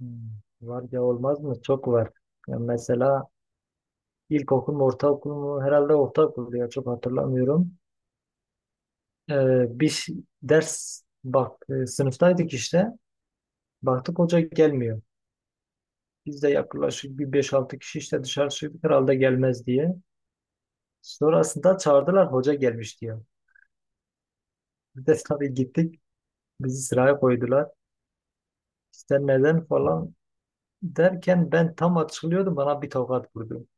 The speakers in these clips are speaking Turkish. Hmm, Var ya olmaz mı? Çok var. Ya mesela ilkokul mu ortaokul mu? Herhalde ortaokul ya çok hatırlamıyorum. Ee, bir ş- ders bak, sınıftaydık işte. Baktık hoca gelmiyor. Biz de yaklaşık bir beş altı kişi işte dışarı çıktık herhalde gelmez diye. Sonrasında çağırdılar hoca gelmiş diyor. Biz de tabii gittik. Bizi sıraya koydular. İşte neden falan derken ben tam açılıyordum bana bir tokat vurdu.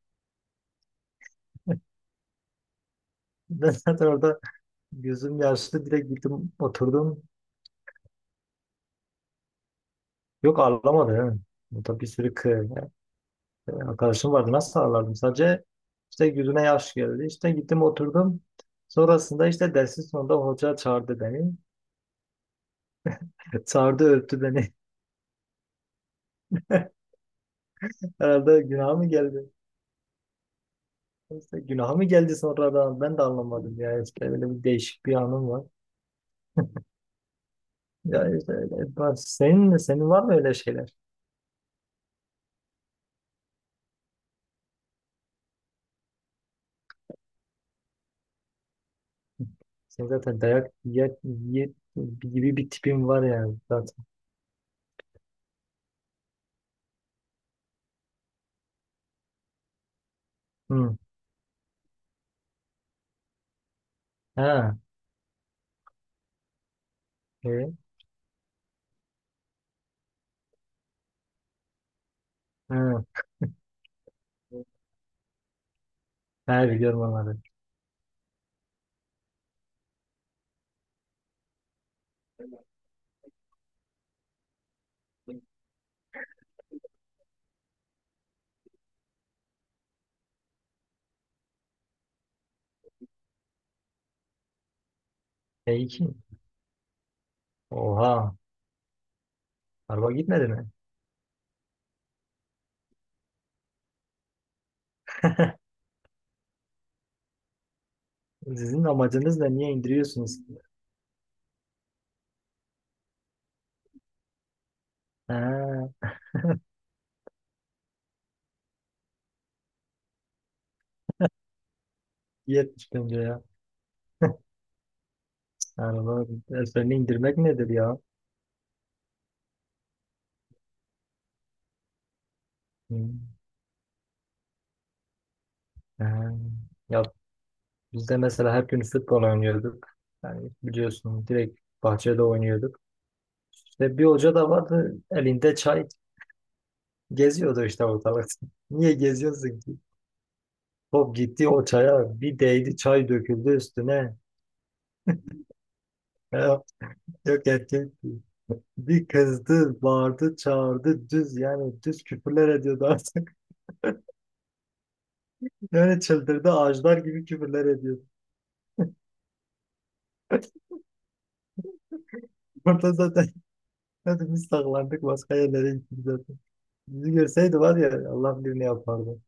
Ben zaten orada, gözüm yaşlı direkt gittim oturdum. Yok ağlamadı. He. Burada bir sürü arkadaşım vardı. Nasıl ağlardım? Sadece işte yüzüne yaş geldi. İşte gittim oturdum. Sonrasında işte dersin sonunda hoca çağırdı beni. Çağırdı öptü beni. Herhalde günah mı geldi? İşte günah mı geldi sonradan? Ben de anlamadım. Yani işte öyle bir değişik bir anım var. Ya işte öyle. Senin var mı öyle şeyler? Senin zaten dayak ye gibi bir tipin var yani zaten. Hı. Ha. E, ha. Ha, biliyorum onları. e Oha. Araba gitmedi mi? Sizin amacınız da niye indiriyorsunuz? Ha, 70 bence ya. Araba ezberini indirmek nedir ya? Hmm. Ha. Ya biz de mesela her gün futbol oynuyorduk. Yani biliyorsun direkt bahçede oynuyorduk. İşte bir hoca da vardı elinde çay geziyordu işte ortalıkta. Niye geziyorsun ki? Top gitti o çaya bir değdi çay döküldü üstüne. Ya, yok etki. Bir kızdı, bağırdı, çağırdı, düz yani düz küfürler ediyordu artık. Yani çıldırdı, ağaçlar gibi küfürler ediyordu. Burada zaten hadi biz saklandık başka yerlere gittik zaten. Bizi görseydi var ya Allah bilir ne yapardı.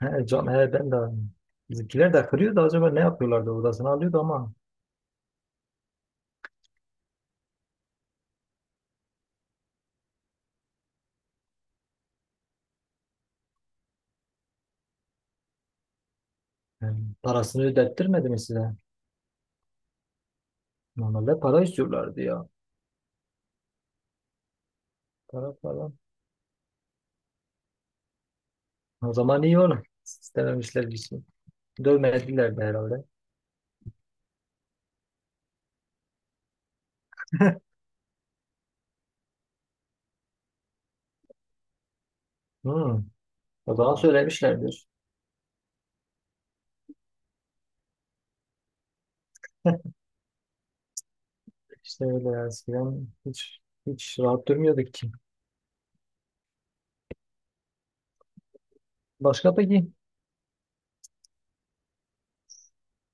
He, can, he, ben de. Bizimkiler de kırıyordu acaba ne yapıyorlardı odasını alıyordu ama. Yani parasını ödettirmedi mi size? Normalde para istiyorlardı ya. Para falan. O zaman iyi olur. İstememişler bir şey. Dövmediler de herhalde. Hmm. O zaman söylemişlerdir. İşte öyle eskiden hiç rahat durmuyorduk ki. Başka peki?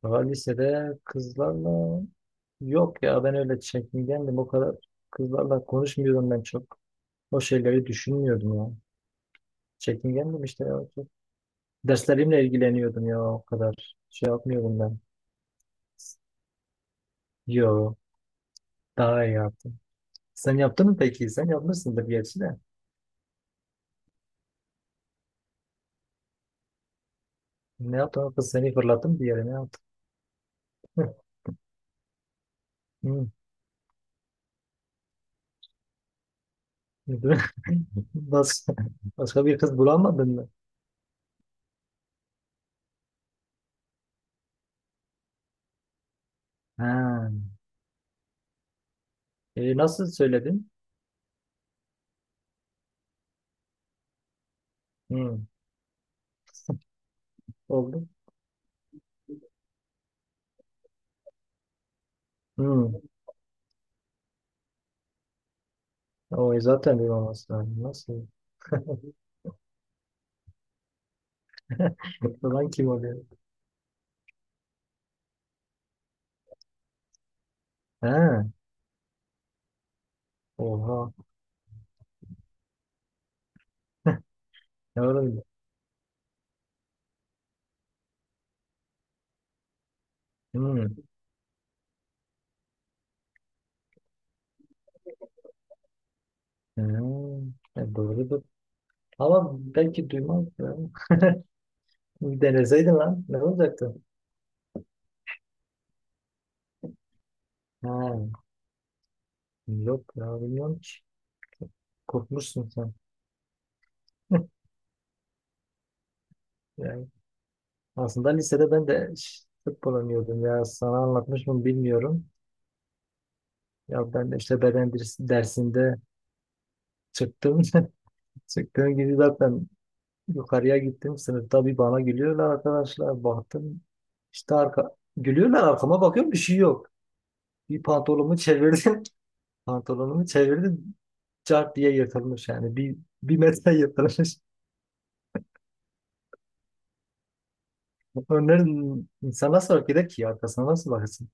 Daha lisede kızlarla yok ya, ben öyle çekingendim o kadar, kızlarla konuşmuyordum ben çok. O şeyleri düşünmüyordum ya. Çekingendim işte ya. Çok. Derslerimle ilgileniyordum ya o kadar. Şey yapmıyordum ben. Yo, daha iyi yaptım. Sen yaptın mı peki? Sen yapmışsındır gerçi de. Ne yaptın? O kız seni fırlattım bir yere ne yaptın? Hı. Başka, başka bir kız bulamadın mı? Ha. Nasıl söyledin? Hmm, oldu. Hmm. O zaten bir maması lazım. Nasıl? Falan kim oluyor? Ha, oha. Ne olabilir? Hmm. Hmm. E, doğrudur. Ama belki duymaz ya. Bir deneseydin lan. Ne olacaktı? Ha, yok ya bilmiyorum ki. Korkmuşsun sen. Yani aslında lisede ben de futbol oynuyordum ya. Sana anlatmış mı bilmiyorum. Ya ben de işte beden dersinde çıktım. Sektörün gibi zaten yukarıya gittim. Sınıfta bir bana gülüyorlar arkadaşlar. Baktım işte gülüyorlar, arkama bakıyorum bir şey yok. Bir pantolonumu çevirdim. Pantolonumu çevirdim. Cart diye yırtılmış yani. Bir metre yırtılmış. Önlerin insan nasıl fark eder ki? Arkasına nasıl bakarsın?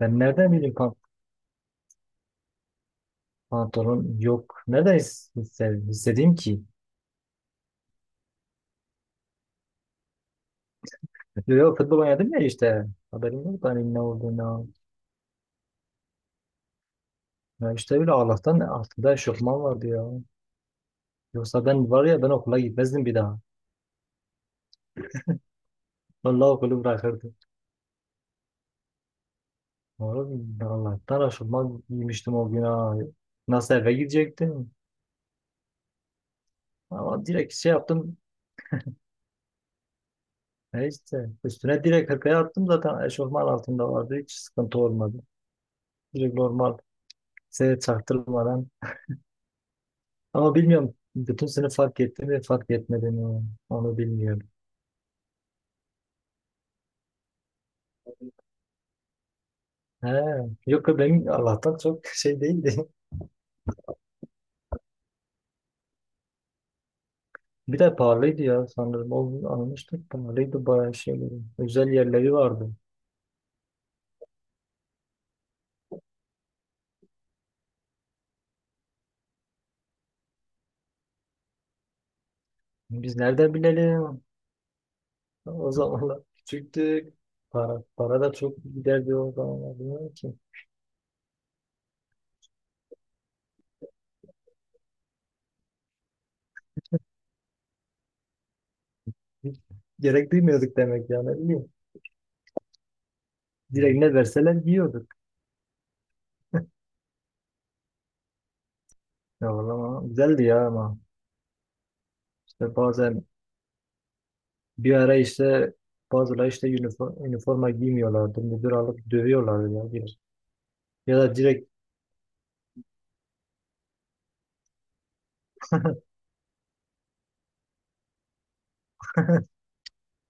Ben nereden bileyim pantolon yok. Nereden hissedeyim ki? Yok futbol oynadım ya işte. Haberim yok da hani ne olduğunu. Ya işte bile Allah'tan altında eşofman vardı ya. Yoksa ben var ya ben okula gitmezdim bir daha. Vallahi okulu bırakırdım. Oğlum Allah'tan aşılmaz giymiştim o gün ha. Nasıl eve gidecektim? Ama direkt şey yaptım. E işte üstüne direkt hırkayı attım zaten eşofman altında vardı. Hiç sıkıntı olmadı. Direkt normal size çaktırmadan. Ama bilmiyorum bütün sınıf fark etti mi fark etmedi mi onu bilmiyorum. He, yok ya benim Allah'tan çok şey değildi. Bir de pahalıydı ya sanırım. O gün almıştık pahalıydı bayağı şey. Özel yerleri vardı. Biz nereden bilelim? O zamanlar küçüktük. Para da çok giderdi o zamanlar. Bilmiyorum ki. Hiç gerek duymuyorduk demek yani ne bileyim. Direkt ne verseler yiyorduk. Ya vallahi güzeldi ya ama. İşte bazen bir ara işte bazıları işte üniforma giymiyorlardı. Müdür alıp dövüyorlardı ya. Bir. Ya da direkt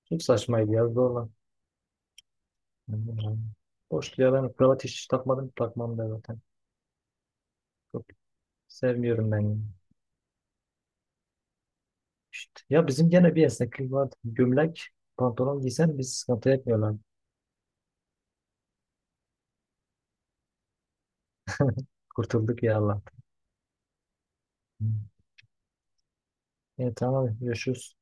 çok saçmaydı ya zorla. Yani boş ya, ben kravat hiç takmadım takmam da zaten. Çok sevmiyorum ben, yani. İşte, ya bizim gene bir esneklik vardı. Gömlek pantolon giysen biz sıkıntı etmiyorlar. Kurtulduk ya Allah. Evet tamam görüşürüz.